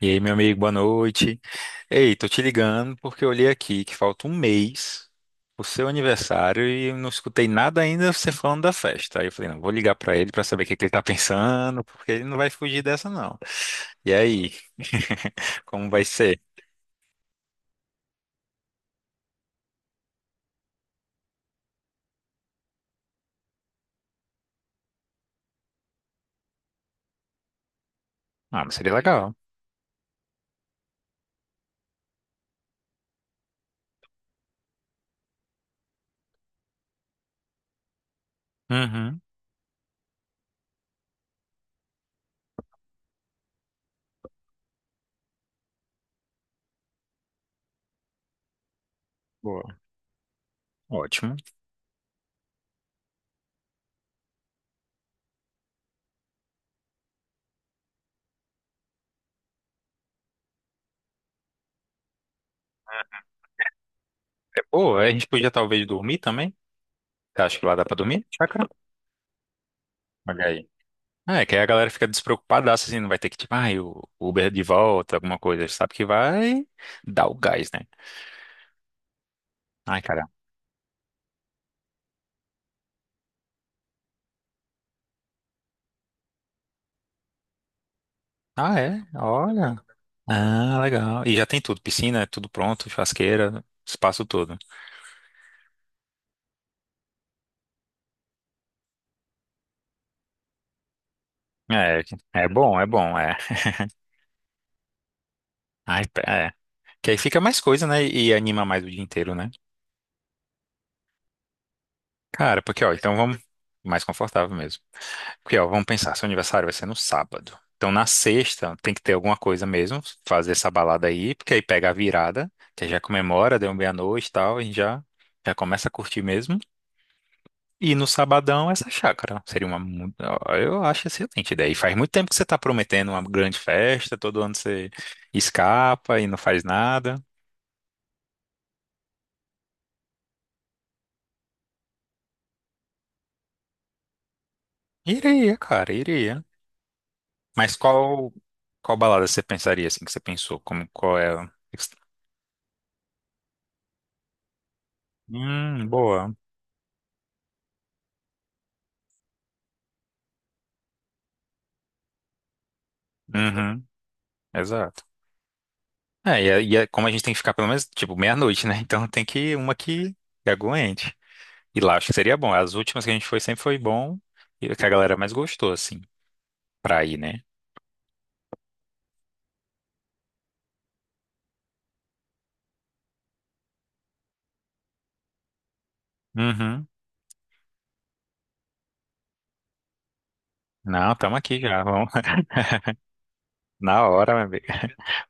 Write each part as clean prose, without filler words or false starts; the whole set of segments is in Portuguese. E aí, meu amigo, boa noite. Ei, tô te ligando porque eu olhei aqui que falta um mês pro seu aniversário e eu não escutei nada ainda você falando da festa. Aí eu falei, não, vou ligar pra ele pra saber o que que ele tá pensando, porque ele não vai fugir dessa, não. E aí, como vai ser? Ah, mas seria legal. Uhum, boa. Ótimo. É boa, a gente podia talvez dormir também. Você acha que lá dá pra dormir? Chácara? É, que aí a galera fica despreocupadaça, assim, não vai ter que, tipo, ai, o Uber é de volta, alguma coisa. Sabe que vai dar o gás, né? Ai, cara. Ah, é? Olha. Ah, legal. E já tem tudo, piscina, é tudo pronto, churrasqueira, espaço todo. É, é bom, é bom, é. Ai, é. Que aí fica mais coisa, né? E anima mais o dia inteiro, né? Cara, porque, ó, então vamos mais confortável mesmo. Porque, ó, vamos pensar, seu aniversário vai ser no sábado. Então, na sexta, tem que ter alguma coisa mesmo, fazer essa balada aí, porque aí pega a virada, que aí já comemora, deu meia-noite e tal, a gente já, já começa a curtir mesmo. E no sabadão, essa chácara. Seria uma. Ó, eu acho excelente ideia. E faz muito tempo que você está prometendo uma grande festa, todo ano você escapa e não faz nada. Iria, cara, iria. Mas qual balada você pensaria assim que você pensou? Como, qual é? Boa. Uhum, exato. É, e é como a gente tem que ficar pelo menos, tipo, meia-noite, né? Então tem que uma que aguente. E lá acho que seria bom. As últimas que a gente foi sempre foi bom e o que a galera mais gostou, assim, pra ir, né? Uhum. Não, tamo aqui já. Vamos, na hora, meu amigo.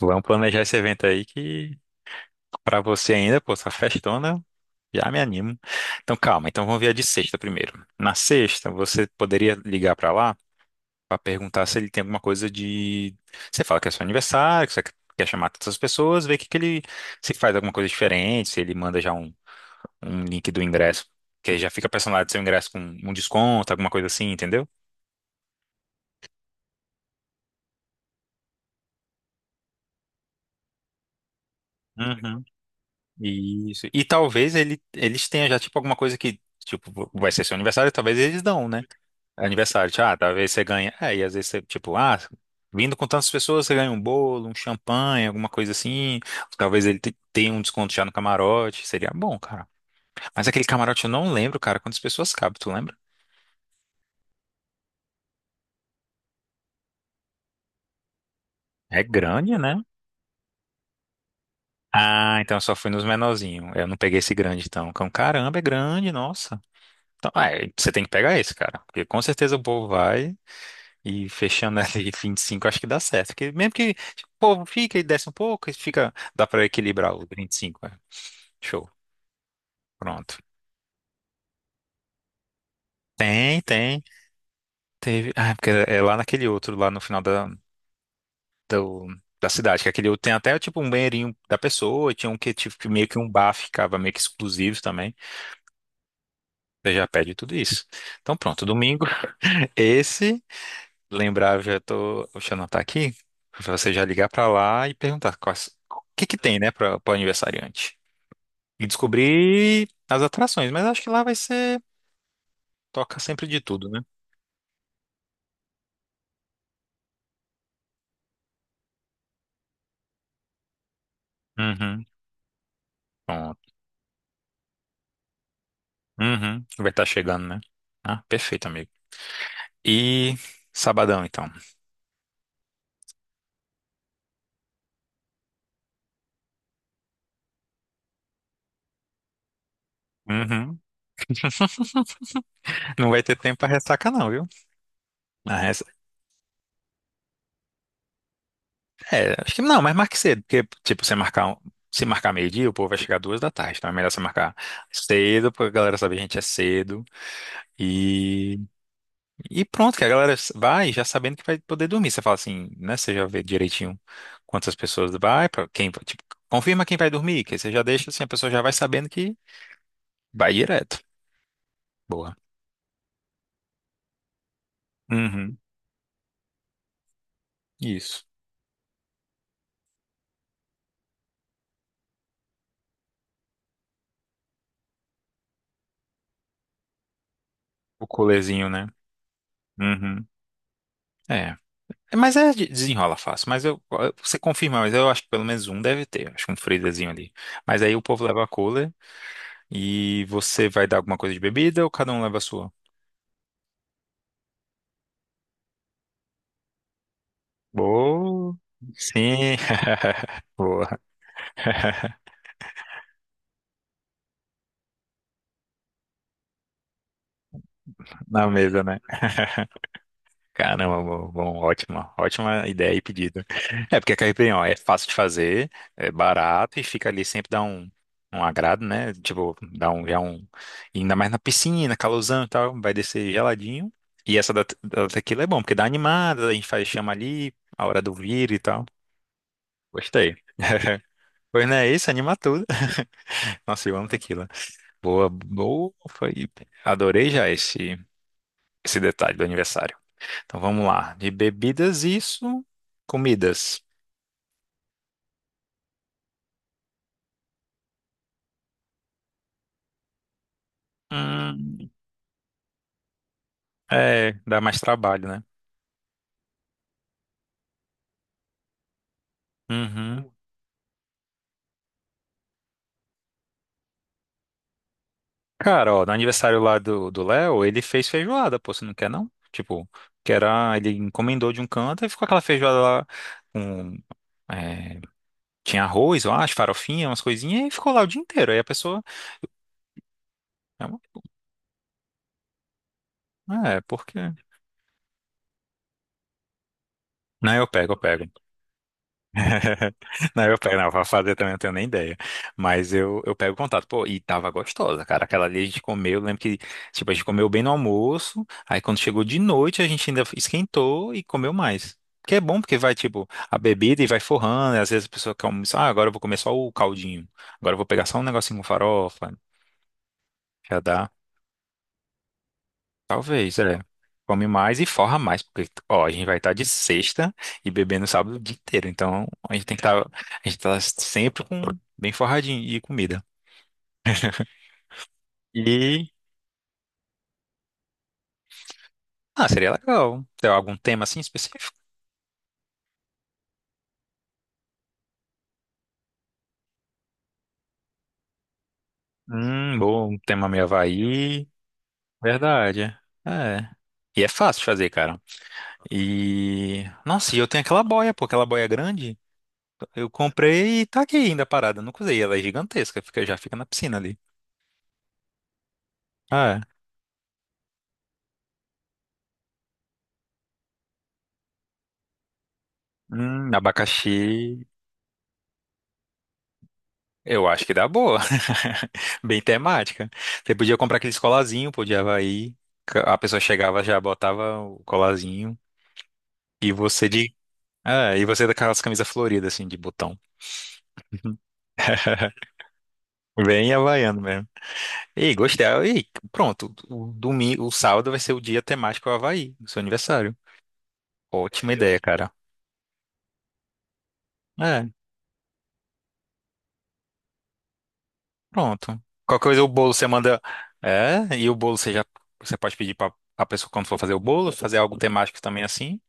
Vamos planejar esse evento aí que pra você ainda, pô, essa festona, já me animo. Então calma, então vamos ver a de sexta primeiro. Na sexta, você poderia ligar pra lá? Pra perguntar se ele tem alguma coisa de. Você fala que é seu aniversário, que você quer chamar todas as pessoas, ver o que, que ele se faz alguma coisa diferente, se ele manda já um link do ingresso, que aí já fica personalizado seu ingresso com um desconto, alguma coisa assim, entendeu? Uhum. Isso. E talvez eles tenham já, tipo, alguma coisa que, tipo, vai ser seu aniversário, talvez eles dão, né? Aniversário, tipo, ah, talvez você ganhe. É, e às vezes você, tipo, ah, vindo com tantas pessoas, você ganha um bolo, um champanhe, alguma coisa assim. Talvez ele tenha um desconto já no camarote. Seria bom, cara. Mas aquele camarote eu não lembro, cara, quantas pessoas cabe, tu lembra? É grande, né? Ah, então eu só fui nos menorzinhos. Eu não peguei esse grande, então. Caramba, é grande, nossa. Então, ah, é, você tem que pegar esse, cara. Porque com certeza o povo vai. E fechando ali 25 acho que dá certo. Porque mesmo que tipo, o povo fica e desce um pouco, fica, dá pra equilibrar os 25. É. Show. Pronto. Tem, tem. Teve. Ah, porque é lá naquele outro, lá no final do- da cidade, que aquele outro tem até tipo um banheirinho da pessoa, tinha um que tipo que meio que um bar ficava meio que exclusivo também. Você já pede tudo isso. Então pronto, domingo, esse. Lembrar, já tô. O Xanã tá aqui. Pra você já ligar pra lá e perguntar quais, o que que tem, né, pro aniversariante. E descobrir as atrações, mas acho que lá vai ser. Toca sempre de tudo, né? Uhum. Pronto. Uhum. Vai estar chegando, né? Ah, perfeito, amigo. E sabadão, então. Uhum. Não vai ter tempo pra ressaca, não, viu? A ressa- É, acho que não, mas marque cedo, porque, tipo, se marcar meio-dia, o povo vai chegar 2 da tarde, então é melhor você marcar cedo, pra galera saber que a gente é cedo. E. E pronto, que a galera vai já sabendo que vai poder dormir. Você fala assim, né? Você já vê direitinho quantas pessoas vai, pra quem, tipo, confirma quem vai dormir, que aí você já deixa assim, a pessoa já vai sabendo que vai direto. Boa. Uhum. Isso. O colezinho, né? Uhum. É. É, mas é, desenrola fácil. Mas você confirma, mas eu acho que pelo menos um deve ter. Acho que um freezerzinho ali. Mas aí o povo leva a cooler e você vai dar alguma coisa de bebida ou cada um leva a sua? Boa. Sim. Boa. Na mesa, né? Caramba, bom, bom, ótima, ótima ideia e pedido. É porque a caipirinha, ó, é fácil de fazer, é barato e fica ali sempre dá um agrado, né? Tipo, dá um, já um, e ainda mais na piscina, calorzão e tal, vai descer geladinho. E essa da tequila é bom, porque dá animada, a gente faz chama ali, a hora do vir e tal. Gostei. Pois não é isso, anima tudo. Nossa, eu amo tequila. Boa, boa, foi. Adorei já esse detalhe do aniversário. Então vamos lá. De bebidas, isso. Comidas. Hum, é, dá mais trabalho, né? Uhum. Cara, ó, no aniversário lá do Léo, ele fez feijoada, pô, você não quer não? Tipo, que era, ele encomendou de um canto e ficou aquela feijoada lá com. É, tinha arroz, eu acho, farofinha, umas coisinhas, e ficou lá o dia inteiro. Aí a pessoa. É, é, porque. Não, eu pego, eu pego. Não, eu pego, não, pra fazer também eu não tenho nem ideia. Mas eu pego o contato. Pô, e tava gostosa, cara. Aquela ali a gente comeu, eu lembro que, tipo, a gente comeu bem no almoço. Aí quando chegou de noite, a gente ainda esquentou e comeu mais. Que é bom, porque vai, tipo, a bebida e vai forrando. E às vezes a pessoa quer almoçar, ah, agora eu vou comer só o caldinho. Agora eu vou pegar só um negocinho com farofa. Já dá. Talvez, é. Come mais e forra mais, porque, ó, a gente vai estar de sexta e bebendo sábado o dia inteiro. Então, a gente tem que estar, a gente tá sempre com bem forradinho e comida. E, ah, seria legal. Tem algum tema assim específico? Bom, um tema meio Havaí. Verdade. É. E é fácil de fazer, cara. E, nossa, e eu tenho aquela boia, pô, aquela boia grande. Eu comprei e tá aqui ainda parada, nunca usei. Ela é gigantesca, já fica na piscina ali. Ah, é. Abacaxi. Eu acho que dá boa. Bem temática. Você podia comprar aqueles colazinho, podia de A pessoa chegava, já botava o colazinho. E você de. Ah, e você daquelas camisas floridas, assim, de botão. Bem havaiano mesmo. E gostei. E pronto. O domingo, o sábado vai ser o dia temático Havaí, do seu aniversário. Ótima ideia, cara. É, pronto. Qualquer coisa, o bolo você manda. É, e o bolo você já. Você pode pedir pra a pessoa, quando for fazer o bolo, fazer algo temático também assim.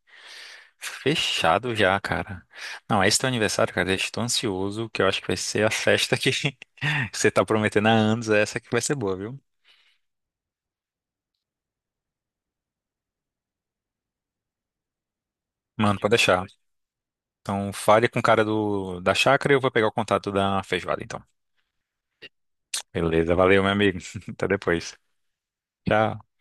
Fechado já, cara. Não, esse teu aniversário, cara, eu estou ansioso, que eu acho que vai ser a festa que você tá prometendo há anos, essa que vai ser boa, viu? Mano, pode deixar. Então, fale com o cara do, da chácara e eu vou pegar o contato da feijoada, então. Beleza, valeu, meu amigo. Até depois. Tchau.